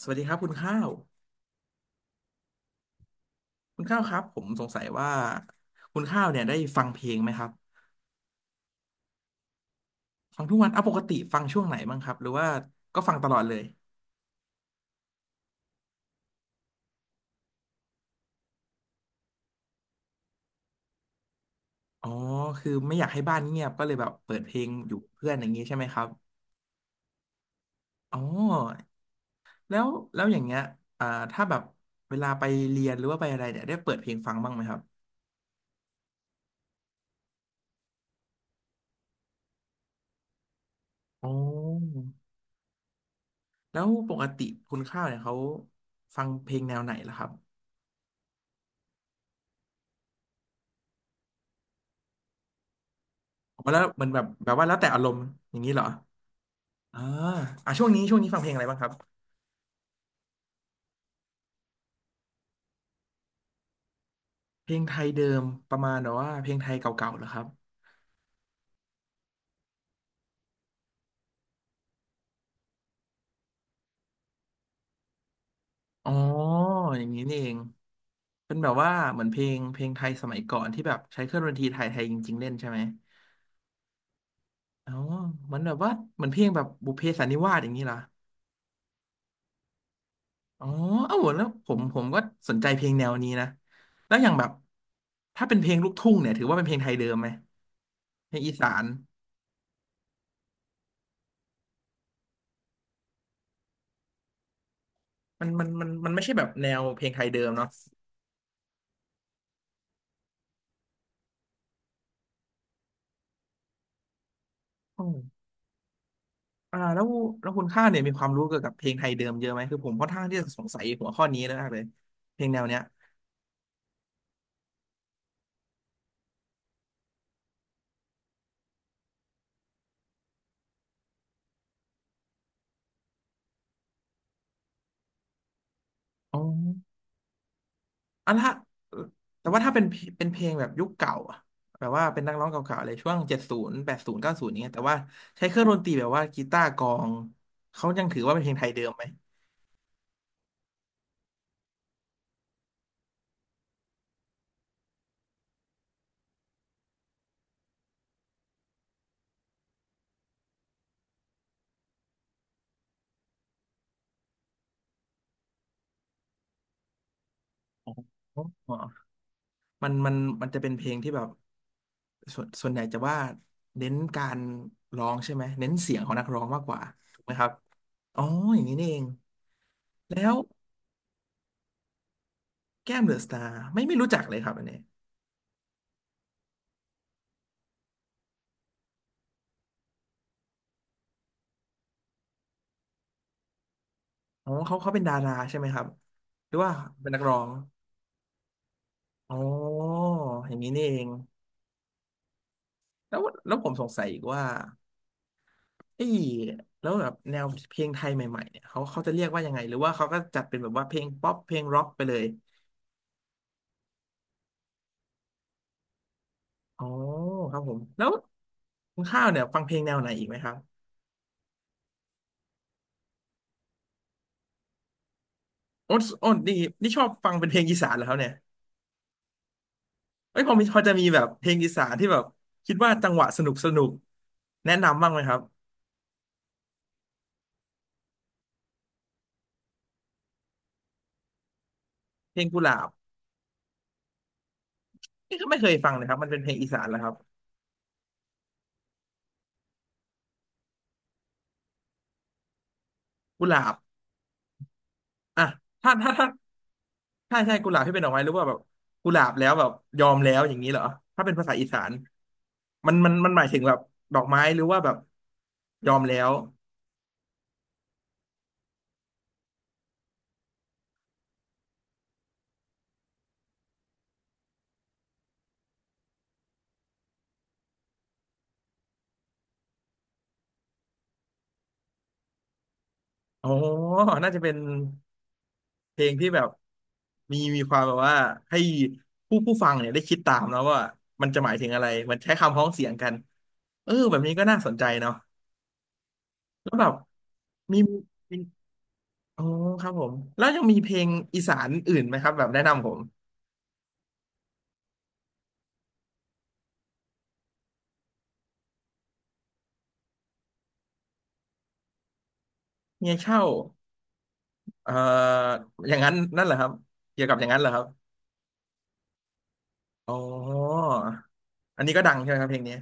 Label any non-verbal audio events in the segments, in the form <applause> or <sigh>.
สวัสดีครับคุณข้าวคุณข้าวครับผมสงสัยว่าคุณข้าวเนี่ยได้ฟังเพลงไหมครับฟังทุกวันอ่ะปกติฟังช่วงไหนบ้างครับหรือว่าก็ฟังตลอดเลยอ๋อคือไม่อยากให้บ้านเงียบก็เลยแบบเปิดเพลงอยู่เพื่อนอย่างนี้ใช่ไหมครับอ๋อแล้วแล้วอย่างเงี้ยอ่าถ้าแบบเวลาไปเรียนหรือว่าไปอะไรเนี่ยได้เปิดเพลงฟังบ้างไหมครับอ๋อแล้วปกติคุณข้าวเนี่ยเขาฟังเพลงแนวไหนล่ะครับอ๋อแล้วมันแบบว่าแล้วแต่อารมณ์อย่างนี้เหรอ อ่าอ่ะช่วงนี้ฟังเพลงอะไรบ้างครับเพลงไทยเดิมประมาณแบบว่าเพลงไทยเก่าๆเหรอครับอ๋ออย่างนี้นี่เองเป็นแบบว่าเหมือนเพลงไทยสมัยก่อนที่แบบใช้เครื่องดนตรีไทยไทยจริงๆเล่นใช่ไหมอ๋อมันแบบว่าเหมือนเพลงแบบบุพเพสันนิวาสอย่างนี้เหรออ๋อเอ้าแล้วผมก็สนใจเพลงแนวนี้นะแล้วอย่างแบบถ้าเป็นเพลงลูกทุ่งเนี่ยถือว่าเป็นเพลงไทยเดิมไหมเพลงอีสานมันไม่ใช่แบบแนวเพลงไทยเดิมเนาะ อ่าแล้วแล้วคุณข้าวเนี่ยมีความรู้เกี่ยวกับเพลงไทยเดิมเยอะไหมคือผมค่อนข้างที่จะสงสัยหัวข้อนี้มากเลยเพลงแนวเนี้ยอ๋ออ่ะถ้าแต่ว่าถ้าเป็นเพลงแบบยุคเก่าอะแบบว่าเป็นนักร้องเก่าๆเลยช่วง708090เนี้ยแต่ว่าใช้เครื่องดนตรีแบบว่ากีตาร์กลองเขายังถือว่าเป็นเพลงไทยเดิมไหมอ๋ออ๋อมันมันมันจะเป็นเพลงที่แบบส่วนใหญ่จะว่าเน้นการร้องใช่ไหมเน้นเสียงของนักร้องมากกว่าถูกไหมครับอ๋ออย่างนี้นี่เองแล้ว แก้มเดอะสตาร์ไม่รู้จักเลยครับอันนี้อ๋อเขาเป็นดาราใช่ไหมครับหรือว่าเป็นนักร้องอ๋ออย่างนี้นี่เองแล้วแล้วผมสงสัยอีกว่าไอ้ยแล้วแบบแนวเพลงไทยใหม่ๆเนี่ยเขาจะเรียกว่ายังไงหรือว่าเขาก็จัดเป็นแบบว่าเพลงป๊อปเพลงร็อกไปเลยอ๋อครับผมแล้วคุณข้าวเนี่ยฟังเพลงแนวไหนอีกไหมครับโอ้โอ้นี่ชอบฟังเป็นเพลงอีสานเหรอครับเนี่ยเอ้ยพอมีพอจะมีแบบเพลงอีสานที่แบบคิดว่าจังหวะสนุกสนุกแนะนำบ้างไหมครับเพลงกุหลาบ นี่ก็ไม่เคยฟังเลยครับมันเป็นเพลงอีสานแล้วครับกุหลาบอ่ะถ้าถ้าถ้าถ้าใช่กุหลาบที่เป็นดอกไม้หรือว่าแบบกุหลาบแล้วแบบยอมแล้วอย่างนี้เหรอถ้าเป็นภาษาอีสานมันหมายถึงแบบดอกไม้หรือว่าแบบยอมแล้วอ๋อน่าจะเป็นเพลงที่แบบมีความแบบว่าให้ผู้ฟังเนี่ยได้คิดตามแล้วว่ามันจะหมายถึงอะไรมันใช้คำพ้องเสียงกันเออแบบนี้ก็น่าสนใจเนาะแล้วแบบมี อ๋อครับผมแล้วยังมีเพลงอีสานอื่นไหมครับแบบแนะนำผมเมียเช่าเอ่ออย่างนั้นนั่นเหรอครับเกี่ยวกับอย่างนั้นเหรอครับอ๋ออันนี้ก็ดังใช่ไหมครับเพลงนี้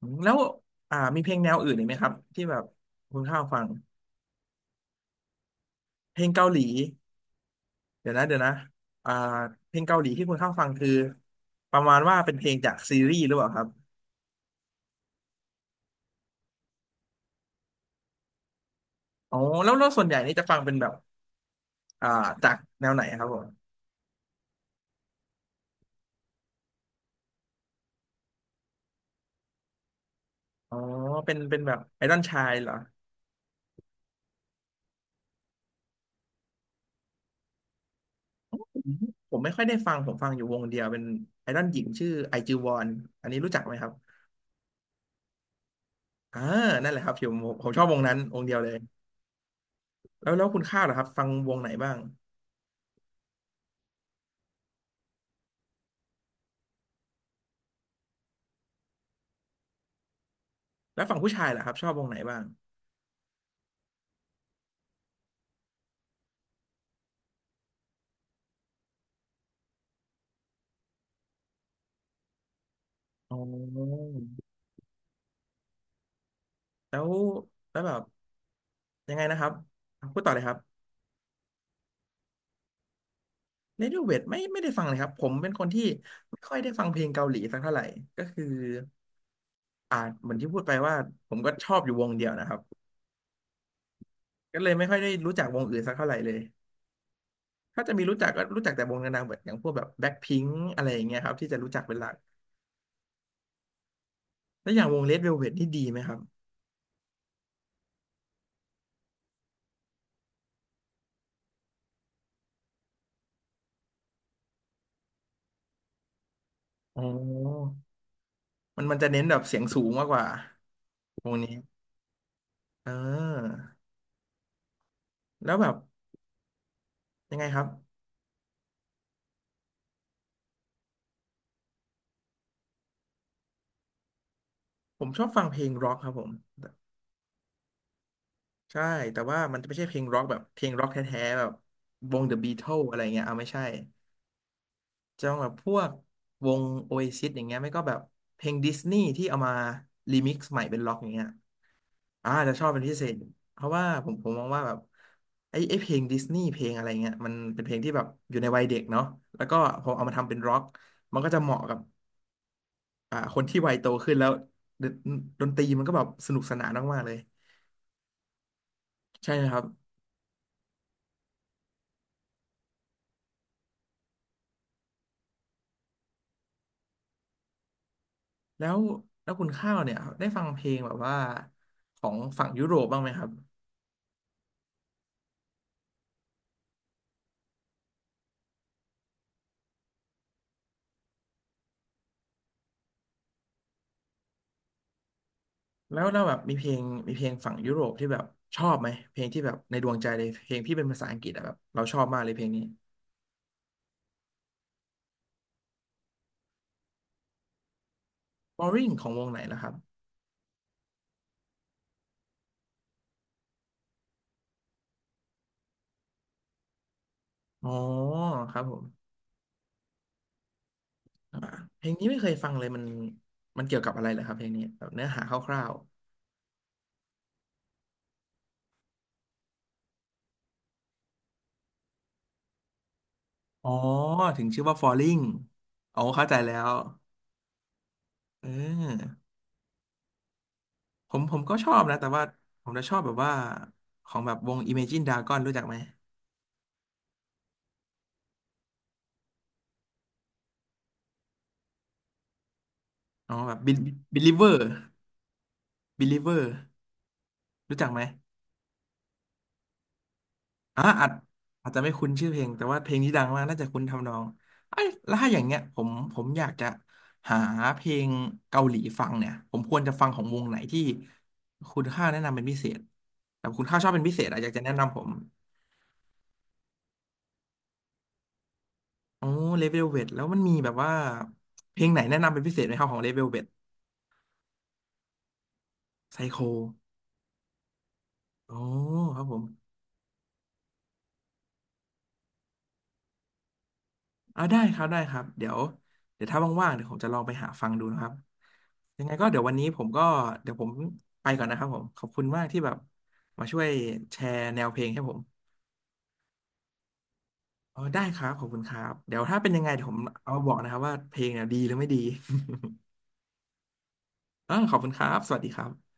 แล้วมีเพลงแนวอื่นอีกไหมครับที่แบบคุณข้าวฟังเพลงเกาหลีเดี๋ยวนะเดี๋ยวนะอ่าเพลงเกาหลีที่คุณข้าวฟังคือประมาณว่าเป็นเพลงจากซีรีส์หรือเปล่าครับอ๋อแล้วส่วนใหญ่นี่จะฟังเป็นแบบอ่าจากแนวไหนครับผมอ๋อเป็นแบบไอดอลชายเหรอ อืมผมไม่ค่อยได้ฟัง ผมฟังอยู่วงเดียวเป็นไอดอลหญิงชื่อไอจิวอนอันนี้รู้จักไหมครับอ่านั่นแหละครับผมผมชอบวงนั้นวงเดียวเลยแล้วคุณข้าวเหรอครับฟังวงไหนบ้างแล้วฝั่งผู้ชายเหรอครับชอบวงไหนบ้างอ๋อแล้วแล้วแบบยังไงนะครับอ่ะพูดต่อเลยครับเรดิโอเวทไม่ได้ฟังเลยครับผมเป็นคนที่ไม่ค่อยได้ฟังเพลงเกาหลีสักเท่าไหร่ก็คือเหมือนที่พูดไปว่าผมก็ชอบอยู่วงเดียวนะครับก็เลยไม่ค่อยได้รู้จักวงอื่นสักเท่าไหร่เลย ถ้าจะมีรู้จักก็รู้จักแต่วงดังๆแบบอย่างพวกแบบแบ็คพิงค์อะไรอย่างเงี้ยครับที่จะรู้จักเป็นหลักแล้วอย่างวงเลดเวลเวทนี่ดีไหมครับอ๋อมันจะเน้นแบบเสียงสูงมากกว่าวงนี้เออแล้วแบบยังไงครับผมชอบฟังเพลงร็อกครับผมใช่แต่ว่ามันจะไม่ใช่เพลงร็อกแบบเพลงร็อกแท้ๆแบบวง The Beatles อะไรเงี้ยเอาไม่ใช่จะต้องแบบพวกวง Oasis อย่างเงี้ยไม่ก็แบบเพลงดิสนีย์ที่เอามารีมิกซ์ใหม่เป็นร็อกอย่างเงี้ย จะชอบเป็นพิเศษเพราะว่าผมมองว่าแบบไอ้เพลงดิสนีย์เพลงอะไรเงี้ยมันเป็นเพลงที่แบบอยู่ในวัยเด็กเนาะแล้วก็พอเอามาทำเป็นร็อกมันก็จะเหมาะกับคนที่วัยโตขึ้นแล้วดนดนตรีมันก็แบบสนุกสนานมากๆเลยใช่ไหครับแล้วแล้วคุณข้าวเนี่ยได้ฟังเพลงแบบว่าของฝั่งยุโรปบ้างไหมครับแล้วแบบมีเพลงฝั่งยุโรปที่แบบชอบไหมเพลงที่แบบในดวงใจเลยเพลงที่เป็นภาษาอังกฤษอะแบบเราชอบมากเลยเพลงนี้ Boring ของวงไหนล่ะครับ อ๋อครับผมอ่าเพลงนี้ไม่เคยฟังเลยมันเกี่ยวกับอะไรเหรอครับเพลงนี้แบบเนื้อหาคร่าวๆอ๋อถึงชื่อว่า Falling อ๋อเข้าใจแล้วเออผมก็ชอบนะแต่ว่าผมจะชอบแบบว่าของแบบวง Imagine Dragon รู้จักไหมอ๋อแบบ Believer Believer รู้จักไหม อ่าอาจอาจจะไม่คุ้นชื่อเพลงแต่ว่าเพลงที่ดังมากน่าจะคุ้นทำนองไอ้ยแล้วถ้าอย่างเงี้ยผมอยากจะหาเพลงเกาหลีฟังเนี่ยผมควรจะฟังของวงไหนที่คุณค่าแนะนำเป็นพิเศษแบบคุณค่าชอบเป็นพิเศษอะอยากจะแนะนำผมโอ้เลเวลเวทแล้วมันมีแบบว่าเพลงไหนแนะนำเป็นพิเศษไหมครับของเลเวลเวทไซโคโอ้ครับผม อ่าได้ครับได้ครับเดี๋ยวถ้าว่างๆเดี๋ยวผมจะลองไปหาฟังดูนะครับยังไงก็เดี๋ยววันนี้ผมก็เดี๋ยวผมไปก่อนนะครับผมขอบคุณมากที่แบบมาช่วยแชร์แนวเพลงให้ผมอ๋อได้ครับขอบคุณครับเดี๋ยวถ้าเป็นยังไงเดี๋ยวผมเอามาบอกนะครับว่าเพลงเนี่ยดีหรือไม่ดี <laughs> อ่าขอบคุณครับสวัสดีครับ